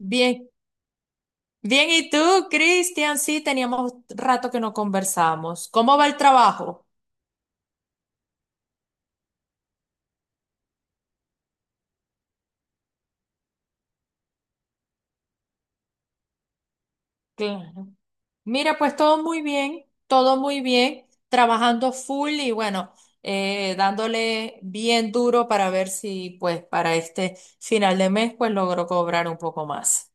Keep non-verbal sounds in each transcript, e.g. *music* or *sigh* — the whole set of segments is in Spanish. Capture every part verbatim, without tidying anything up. Bien, bien, ¿y tú, Cristian? Sí, teníamos rato que no conversábamos. ¿Cómo va el trabajo? Claro. Mira, pues todo muy bien, todo muy bien, trabajando full y bueno, eh, dándole bien duro para ver si pues para este final de mes pues logro cobrar un poco más.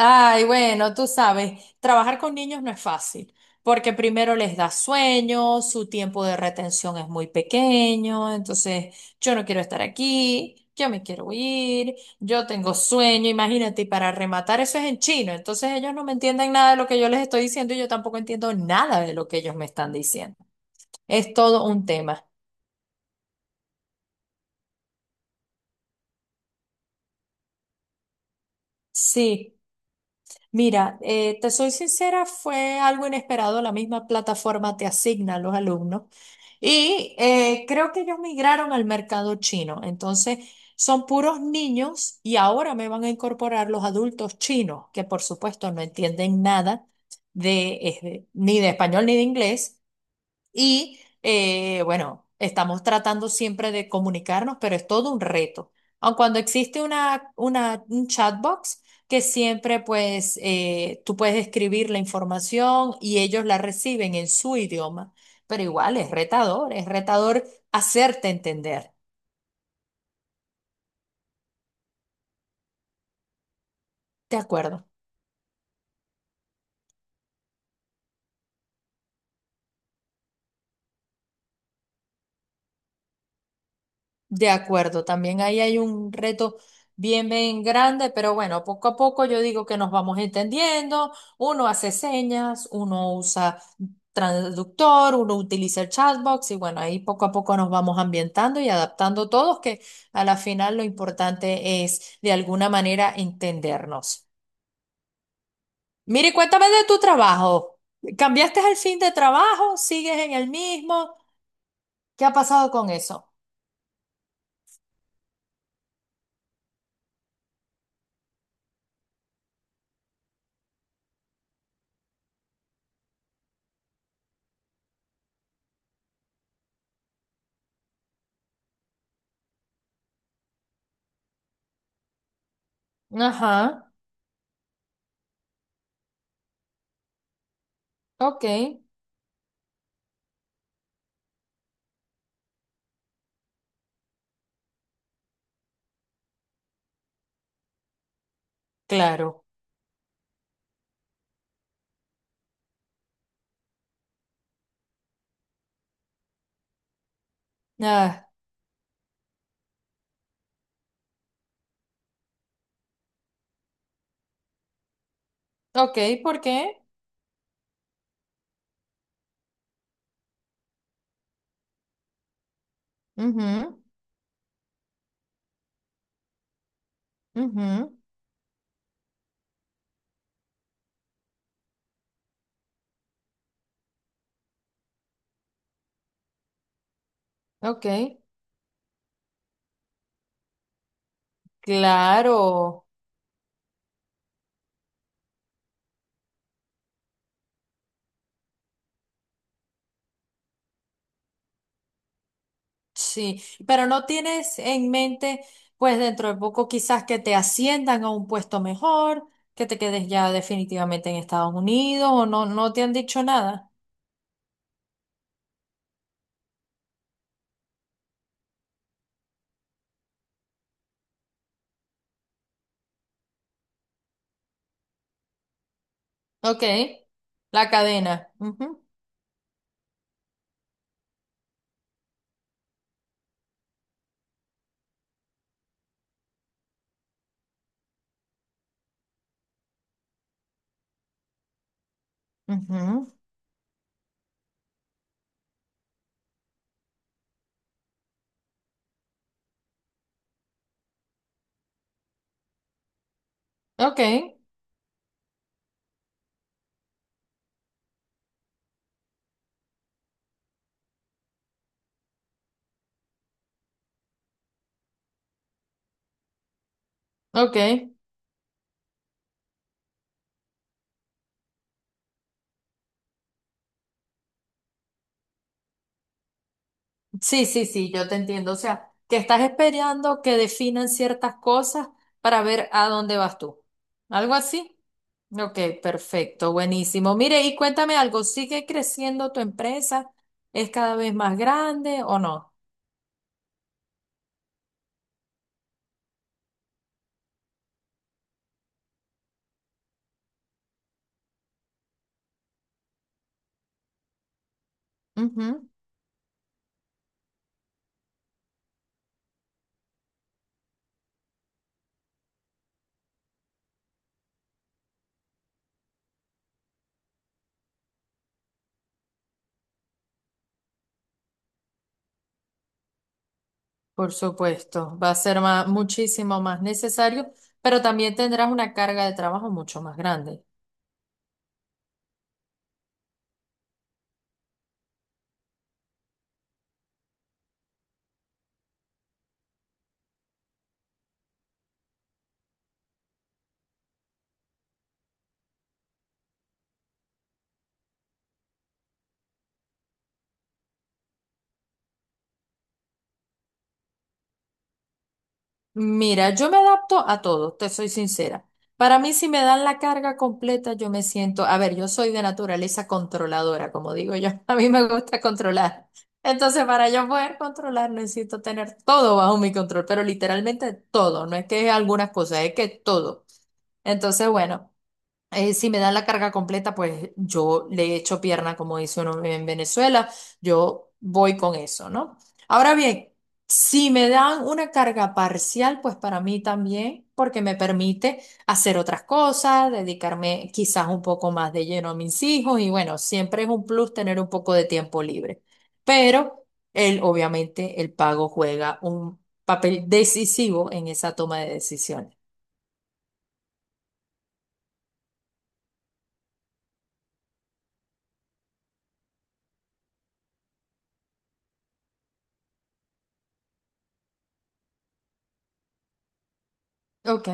Ay, bueno, tú sabes, trabajar con niños no es fácil, porque primero les da sueño, su tiempo de retención es muy pequeño, entonces yo no quiero estar aquí, yo me quiero ir, yo tengo sueño, imagínate, y para rematar eso es en chino, entonces ellos no me entienden nada de lo que yo les estoy diciendo y yo tampoco entiendo nada de lo que ellos me están diciendo. Es todo un tema. Sí. Mira, eh, te soy sincera, fue algo inesperado. La misma plataforma te asigna a los alumnos. Y eh, creo que ellos migraron al mercado chino. Entonces, son puros niños y ahora me van a incorporar los adultos chinos, que por supuesto no entienden nada de, eh, ni de español ni de inglés. Y eh, bueno, estamos tratando siempre de comunicarnos, pero es todo un reto. Aun cuando existe una, una, un chatbox que siempre pues eh, tú puedes escribir la información y ellos la reciben en su idioma, pero igual es retador, es retador hacerte entender. De acuerdo. De acuerdo, también ahí hay un reto bien, bien grande, pero bueno, poco a poco yo digo que nos vamos entendiendo, uno hace señas, uno usa traductor, uno utiliza el chatbox y bueno, ahí poco a poco nos vamos ambientando y adaptando todos, que a la final lo importante es de alguna manera entendernos. Mire, cuéntame de tu trabajo. ¿Cambiaste el fin de trabajo? ¿Sigues en el mismo? ¿Qué ha pasado con eso? Ajá, ok, claro. Ah, ok, ¿por qué? Ujú, ujú, ok, claro, sí, pero no tienes en mente, pues dentro de poco quizás que te asciendan a un puesto mejor, que te quedes ya definitivamente en Estados Unidos o no, no te han dicho nada. Ok, la cadena. Ujú, ujú, ok, ok. Sí, sí, sí, yo te entiendo. O sea, que estás esperando que definan ciertas cosas para ver a dónde vas tú. ¿Algo así? Ok, perfecto, buenísimo. Mire, y cuéntame algo, ¿sigue creciendo tu empresa? ¿Es cada vez más grande o no? Ujú. Por supuesto, va a ser ma- muchísimo más necesario, pero también tendrás una carga de trabajo mucho más grande. Mira, yo me adapto a todo, te soy sincera. Para mí, si me dan la carga completa, yo me siento, a ver, yo soy de naturaleza controladora, como digo yo, *laughs* a mí me gusta controlar. Entonces, para yo poder controlar, necesito tener todo bajo mi control, pero literalmente todo, no es que algunas cosas, es que todo. Entonces, bueno eh, si me dan la carga completa, pues yo le echo pierna, como dice uno en Venezuela, yo voy con eso, ¿no? Ahora bien, si me dan una carga parcial, pues para mí también, porque me permite hacer otras cosas, dedicarme quizás un poco más de lleno a mis hijos y bueno, siempre es un plus tener un poco de tiempo libre. Pero él, obviamente, el pago juega un papel decisivo en esa toma de decisiones. Ok.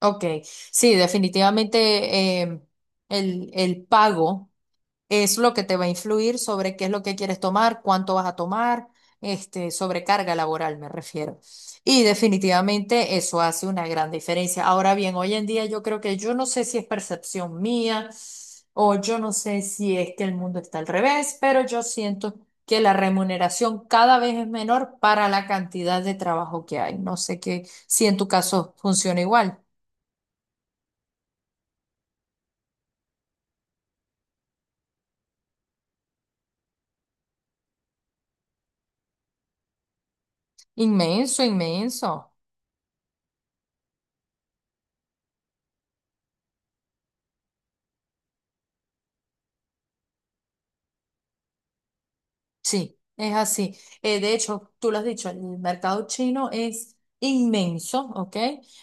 Ok, sí, definitivamente em, el, el pago es lo que te va a influir sobre qué es lo que quieres tomar, cuánto vas a tomar, este, sobrecarga laboral me refiero. Y definitivamente eso hace una gran diferencia. Ahora bien, hoy en día yo creo que yo no sé si es percepción mía o yo no sé si es que el mundo está al revés, pero yo siento que la remuneración cada vez es menor para la cantidad de trabajo que hay. No sé qué, si en tu caso funciona igual. Inmenso, inmenso. Sí, es así. Eh, de hecho, tú lo has dicho, el mercado chino es inmenso, ¿ok?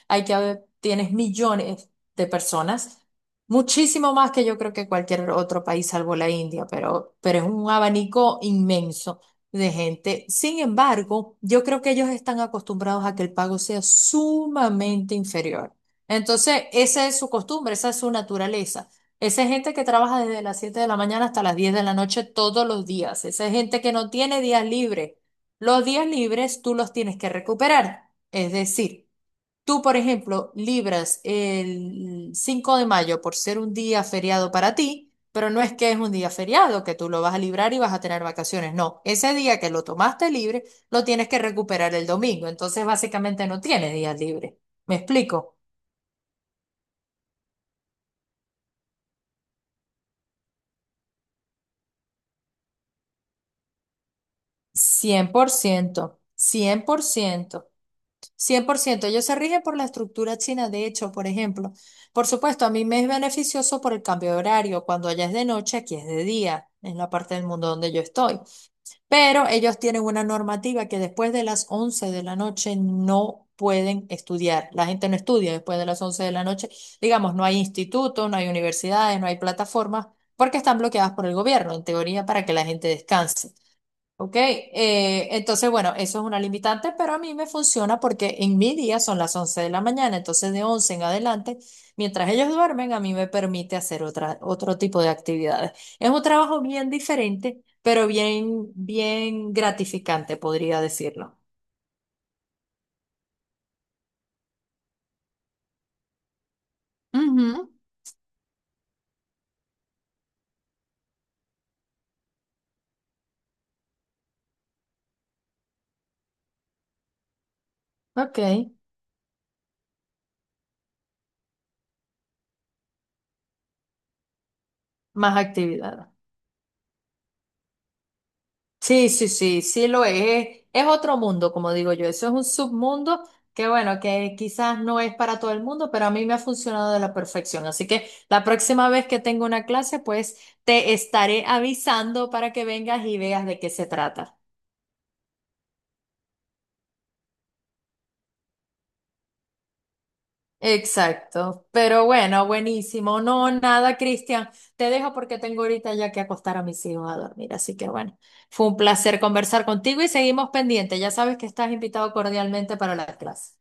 Hay que haber, tienes millones de personas, muchísimo más que yo creo que cualquier otro país salvo la India, pero, pero es un abanico inmenso de gente. Sin embargo, yo creo que ellos están acostumbrados a que el pago sea sumamente inferior. Entonces, esa es su costumbre, esa es su naturaleza. Esa es gente que trabaja desde las siete de la mañana hasta las diez de la noche todos los días. Esa es gente que no tiene días libres. Los días libres tú los tienes que recuperar. Es decir, tú, por ejemplo, libras el cinco de mayo por ser un día feriado para ti, pero no es que es un día feriado, que tú lo vas a librar y vas a tener vacaciones. No, ese día que lo tomaste libre, lo tienes que recuperar el domingo. Entonces, básicamente no tienes días libres. ¿Me explico? Cien cien por ciento, cien por ciento. Cien por ciento ellos se rigen por la estructura china, de hecho, por ejemplo. Por supuesto, a mí me es beneficioso por el cambio de horario. Cuando allá es de noche, aquí es de día, en la parte del mundo donde yo estoy. Pero ellos tienen una normativa que después de las once de la noche no pueden estudiar. La gente no estudia después de las once de la noche. Digamos, no hay institutos, no hay universidades, no hay plataformas, porque están bloqueadas por el gobierno, en teoría, para que la gente descanse. Ok, eh, entonces bueno, eso es una limitante, pero a mí me funciona porque en mi día son las once de la mañana, entonces de once en adelante, mientras ellos duermen, a mí me permite hacer otra, otro tipo de actividades. Es un trabajo bien diferente, pero bien, bien gratificante, podría decirlo. Ujú, ok, más actividades. Sí, sí, sí, sí lo es. Es otro mundo, como digo yo. Eso es un submundo que, bueno, que quizás no es para todo el mundo, pero a mí me ha funcionado de la perfección. Así que la próxima vez que tenga una clase, pues te estaré avisando para que vengas y veas de qué se trata. Exacto. Pero bueno, buenísimo. No, nada, Cristian. Te dejo porque tengo ahorita ya que acostar a mis hijos a dormir. Así que bueno, fue un placer conversar contigo y seguimos pendientes. Ya sabes que estás invitado cordialmente para la clase.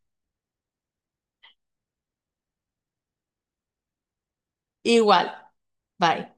Igual. Bye.